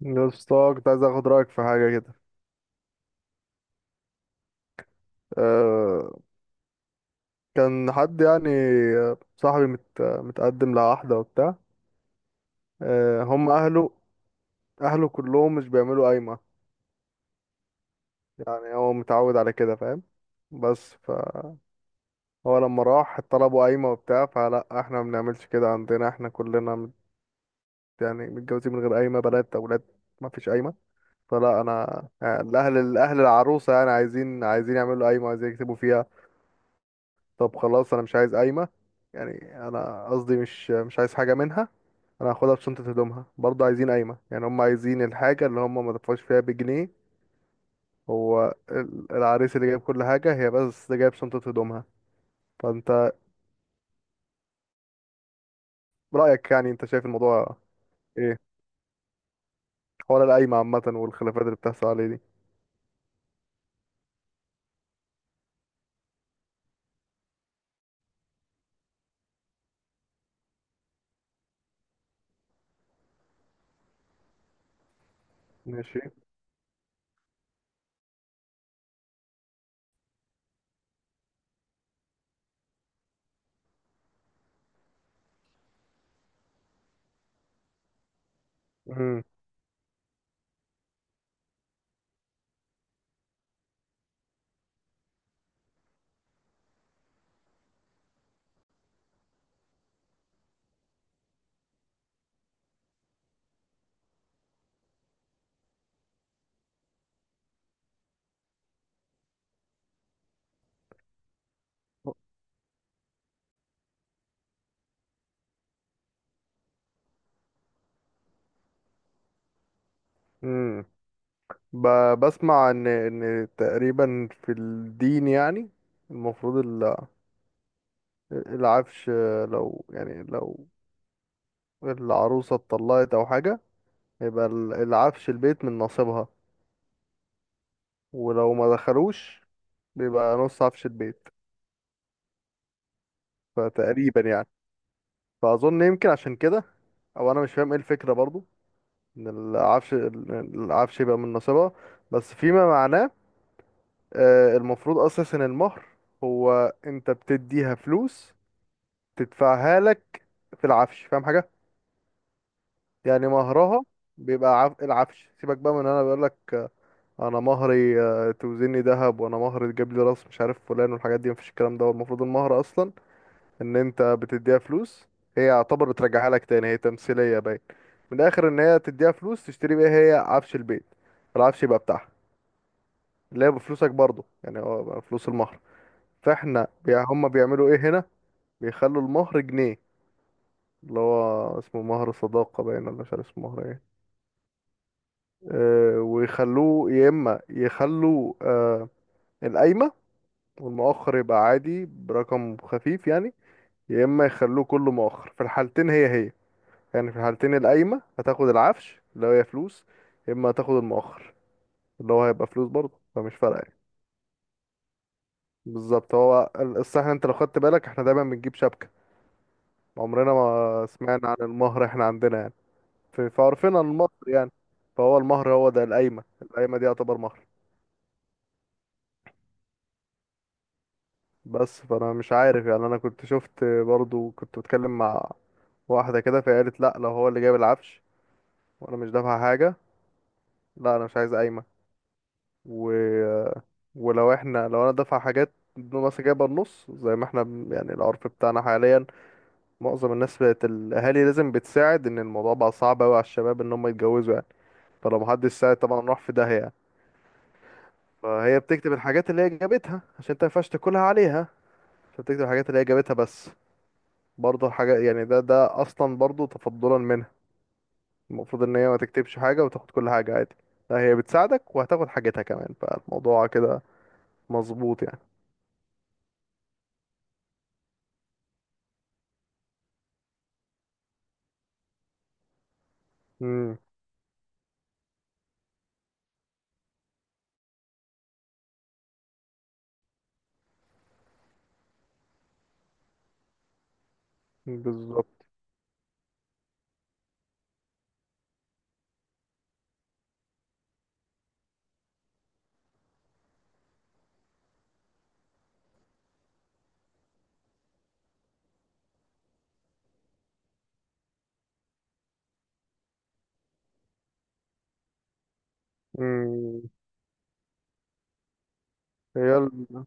يا اسطى كنت عايز اخد رايك في حاجه كده. أه كان حد يعني صاحبي متقدم لواحده وبتاع. هم اهله. اهله كلهم مش بيعملوا قايمه، يعني هو متعود على كده فاهم. بس فهو لما راح طلبوا قايمه وبتاع، فلا احنا ما بنعملش كده عندنا، احنا كلنا يعني متجوزين من غير قايمه، بنات اولاد، ما فيش قايمه. فلا انا يعني الاهل العروسه يعني عايزين يعملوا قايمه، عايزين يكتبوا فيها. طب خلاص انا مش عايز قايمة. يعني انا قصدي مش عايز حاجة منها. انا هاخدها في شنطة هدومها برضه عايزين قايمة، يعني هم عايزين الحاجة اللي هم ما دفعوش فيها بجنيه. هو العريس اللي جايب كل حاجة، هي بس جايب شنطة هدومها. فانت رأيك، يعني انت شايف الموضوع ايه؟ حوار القايمة عامة، والخلافات اللي بتحصل عليه دي. ماشي. امم. امم ب... بسمع ان تقريبا في الدين، يعني المفروض العفش، لو يعني لو العروسة اتطلقت أو حاجة، يبقى العفش البيت من نصيبها، ولو ما دخلوش بيبقى نص عفش البيت. فتقريبا يعني، فأظن يمكن عشان كده. أو أنا مش فاهم إيه الفكرة برضو، إن العفش العفش يبقى من نصيبها. بس فيما معناه المفروض أساسا المهر هو، أنت بتديها فلوس تدفعها لك في العفش، فاهم حاجة؟ يعني مهرها بيبقى العفش. سيبك بقى من، أنا بقول لك انا مهري توزني ذهب، وانا مهري تجيب لي راس مش عارف فلان والحاجات دي، مفيش الكلام ده. هو المفروض المهر اصلا، ان انت بتديها فلوس هي يعتبر بترجعها لك تاني، هي تمثيليه باين. من الاخر، ان هي تديها فلوس تشتري بيها هي عفش البيت، العفش يبقى بتاعها، اللي هي بفلوسك برضه، يعني هو بقى فلوس المهر. فاحنا هم بيعملوا ايه هنا؟ بيخلوا المهر جنيه، اللي هو اسمه مهر صداقه باين، ولا مش عارف اسمه مهر ايه. ويخلوه، يا اما يخلوا القايمه والمؤخر يبقى عادي برقم خفيف، يعني يا اما يخلوه كله مؤخر. في الحالتين هي هي، يعني في الحالتين القايمة هتاخد العفش اللي هي فلوس، يا اما هتاخد المؤخر اللي هو هيبقى فلوس برضه، فمش فارقة يعني. بالظبط. هو الصح، انت لو خدت بالك احنا دايما بنجيب شبكة، عمرنا ما سمعنا عن المهر احنا عندنا، يعني في عرفنا المصري يعني. فهو المهر هو ده القايمة دي يعتبر مهر. بس فانا مش عارف، يعني انا كنت شفت برضه كنت بتكلم مع واحدة كده، فقالت لا لو هو اللي جايب العفش وانا مش دافع حاجة، لا انا مش عايز قايمة. و... ولو احنا، لو انا دافع حاجات مثلا، جايبه النص زي ما احنا يعني العرف بتاعنا حاليا. معظم الناس بقت الاهالي لازم بتساعد، ان الموضوع بقى صعب قوي على الشباب ان هم يتجوزوا يعني، فلو محدش ساعد طبعا راح في داهية يعني. فهي بتكتب الحاجات اللي هي جابتها عشان انت مينفعش تاكلها عليها، فبتكتب الحاجات اللي هي جابتها بس. برضه الحاجات، يعني ده اصلا برضه تفضلا منها. المفروض ان هي ما تكتبش حاجة وتاخد كل حاجة عادي، لا هي بتساعدك وهتاخد حاجتها كمان، فالموضوع كده مظبوط يعني. امم. بالظبط. امم. هي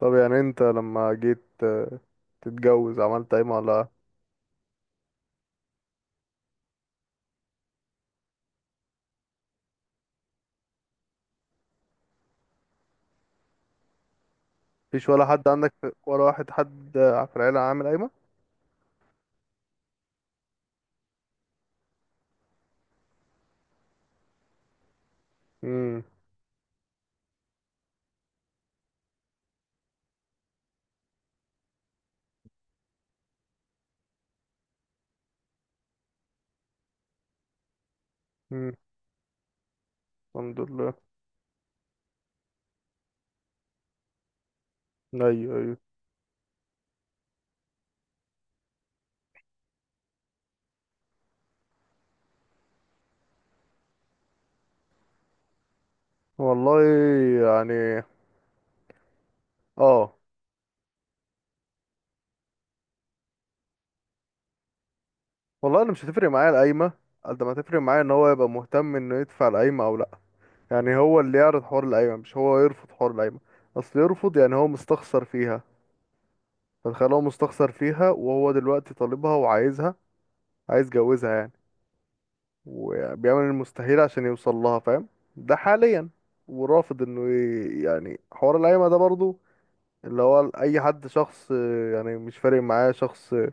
طب يعني انت لما جيت تتجوز عملت قايمة ولا؟ مفيش ولا حد عندك ولا واحد حد في العيلة عامل قايمة؟ امم. امم. الحمد لله. ايوه، ايوه. والله يعني، اه والله انا مش هتفرق معايا القايمة، قد ما هتفرق معايا ان هو يبقى مهتم انه يدفع القايمة او لا. يعني هو اللي يعرض حوار القايمة مش هو يرفض حوار القايمة، اصل يرفض يعني هو مستخسر فيها. فتخيل هو مستخسر فيها وهو دلوقتي طالبها وعايزها، عايز يجوزها يعني، وبيعمل المستحيل عشان يوصل لها فاهم. ده حاليا ورافض انه يعني حوار القايمة ده برضو. اللي هو اي حد شخص يعني مش فارق معاه شخص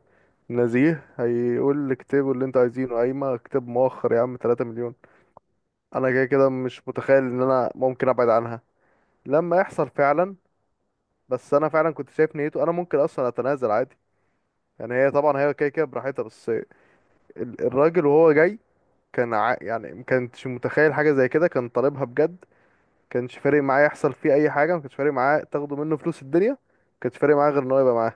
نزيه هيقول لك اكتبوا اللي انتوا عايزينه قايمة، اكتب مؤخر يا عم 3 مليون. انا كده كده مش متخيل ان انا ممكن ابعد عنها لما يحصل فعلا. بس انا فعلا كنت شايف نيته انا ممكن اصلا اتنازل عادي. يعني هي طبعا هي كده كده براحتها، بس الراجل وهو جاي كان يعني ما كانتش متخيل حاجة زي كده، كان طالبها بجد. كانش فارق معاه يحصل فيه أي حاجة، ما كانش فارق معاه تاخدوا منه فلوس الدنيا، ما كانش فارق معاه غير إن هو يبقى معاه.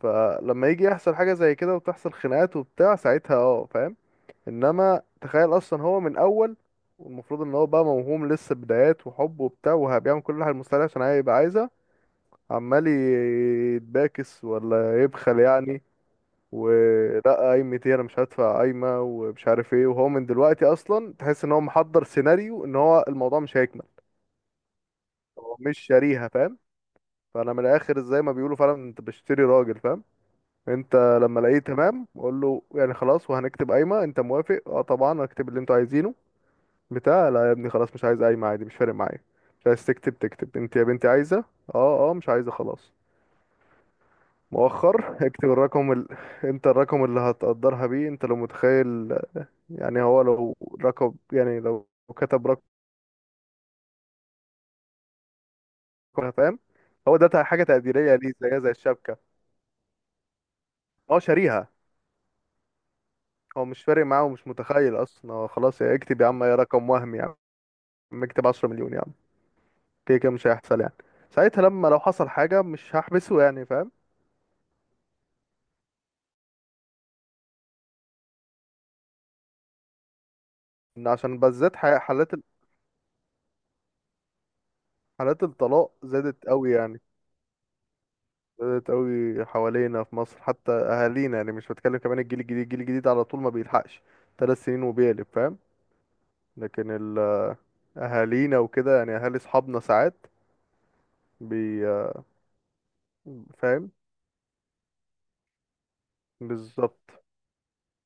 فلما يجي يحصل حاجة زي كده وتحصل خناقات وبتاع ساعتها، اه فاهم. إنما تخيل أصلا هو من أول، والمفروض إن هو بقى موهوم لسه بدايات وحب وبتاع، وهبيعمل كل حاجة المستحيل عشان هي يبقى عايزها، عمال يتباكس ولا يبخل يعني، ولا قايمة ايه، انا مش هدفع قايمة ومش عارف ايه. وهو من دلوقتي اصلا تحس ان هو محضر سيناريو ان هو الموضوع مش هيكمل، هو مش شاريها فاهم. فانا من الاخر زي ما بيقولوا فعلا انت بشتري راجل فاهم. انت لما الاقيه تمام قول له يعني خلاص وهنكتب قايمة، انت موافق؟ اه طبعا هكتب اللي انتوا عايزينه بتاع لا يا ابني خلاص مش عايز قايمة عادي مش فارق معايا، مش عايز تكتب، تكتب انت يا بنتي عايزة. اه، اه مش عايزة خلاص. مؤخر اكتب الرقم انت الرقم اللي هتقدرها بيه انت لو متخيل. يعني هو لو رقم، يعني لو كتب رقم فاهم، هو ده حاجة تقديرية ليه زيها زي الشبكة. هو شاريها، هو مش فارق معاه ومش متخيل أصلا، هو خلاص يا اكتب يا عم يا رقم وهمي، يا عم اكتب 10 مليون يا عم. كده كده مش هيحصل يعني، ساعتها لما لو حصل حاجة مش هحبسه يعني فاهم. إن عشان بالذات حالات حالات الطلاق زادت قوي يعني، زادت قوي حوالينا في مصر حتى أهالينا، يعني مش بتكلم. كمان الجيل الجديد على طول ما بيلحقش 3 سنين وبيقلب فاهم. لكن اهالينا وكده، يعني اهالي اصحابنا ساعات بي فاهم. بالظبط.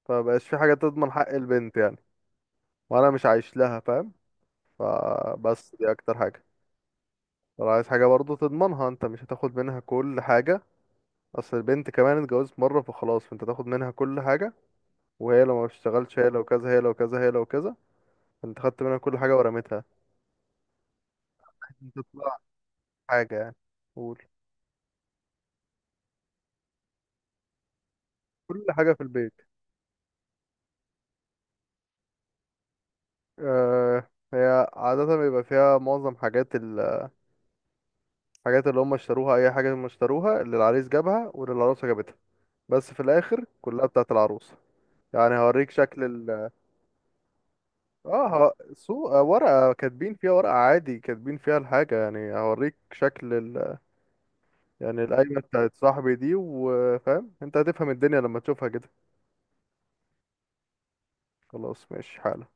فمبقاش في حاجه تضمن حق البنت يعني، وانا مش عايش لها فاهم. فبس دي اكتر حاجه. لو عايز حاجه برضو تضمنها، انت مش هتاخد منها كل حاجه. اصل البنت كمان اتجوزت مره فخلاص، فانت تاخد منها كل حاجه. وهي لو ما اشتغلتش، هي لو كذا، هي لو كذا، هي لو كذا، انت خدت منها كل حاجه ورميتها. انت تطلع حاجه يعني، قول. كل حاجه في البيت. هي عادة بيبقى فيها معظم حاجات، الحاجات اللي هم اشتروها، اي حاجه هم اشتروها، اللي العريس جابها واللي العروسه جابتها، بس في الاخر كلها بتاعه العروسه. يعني هوريك شكل ال اه ه- سو آه، ورقه كاتبين فيها، ورقه عادي كاتبين فيها الحاجه، يعني هوريك شكل يعني القايمه بتاعت صاحبي دي، وفاهم انت هتفهم الدنيا لما تشوفها كده. خلاص ماشي حالا.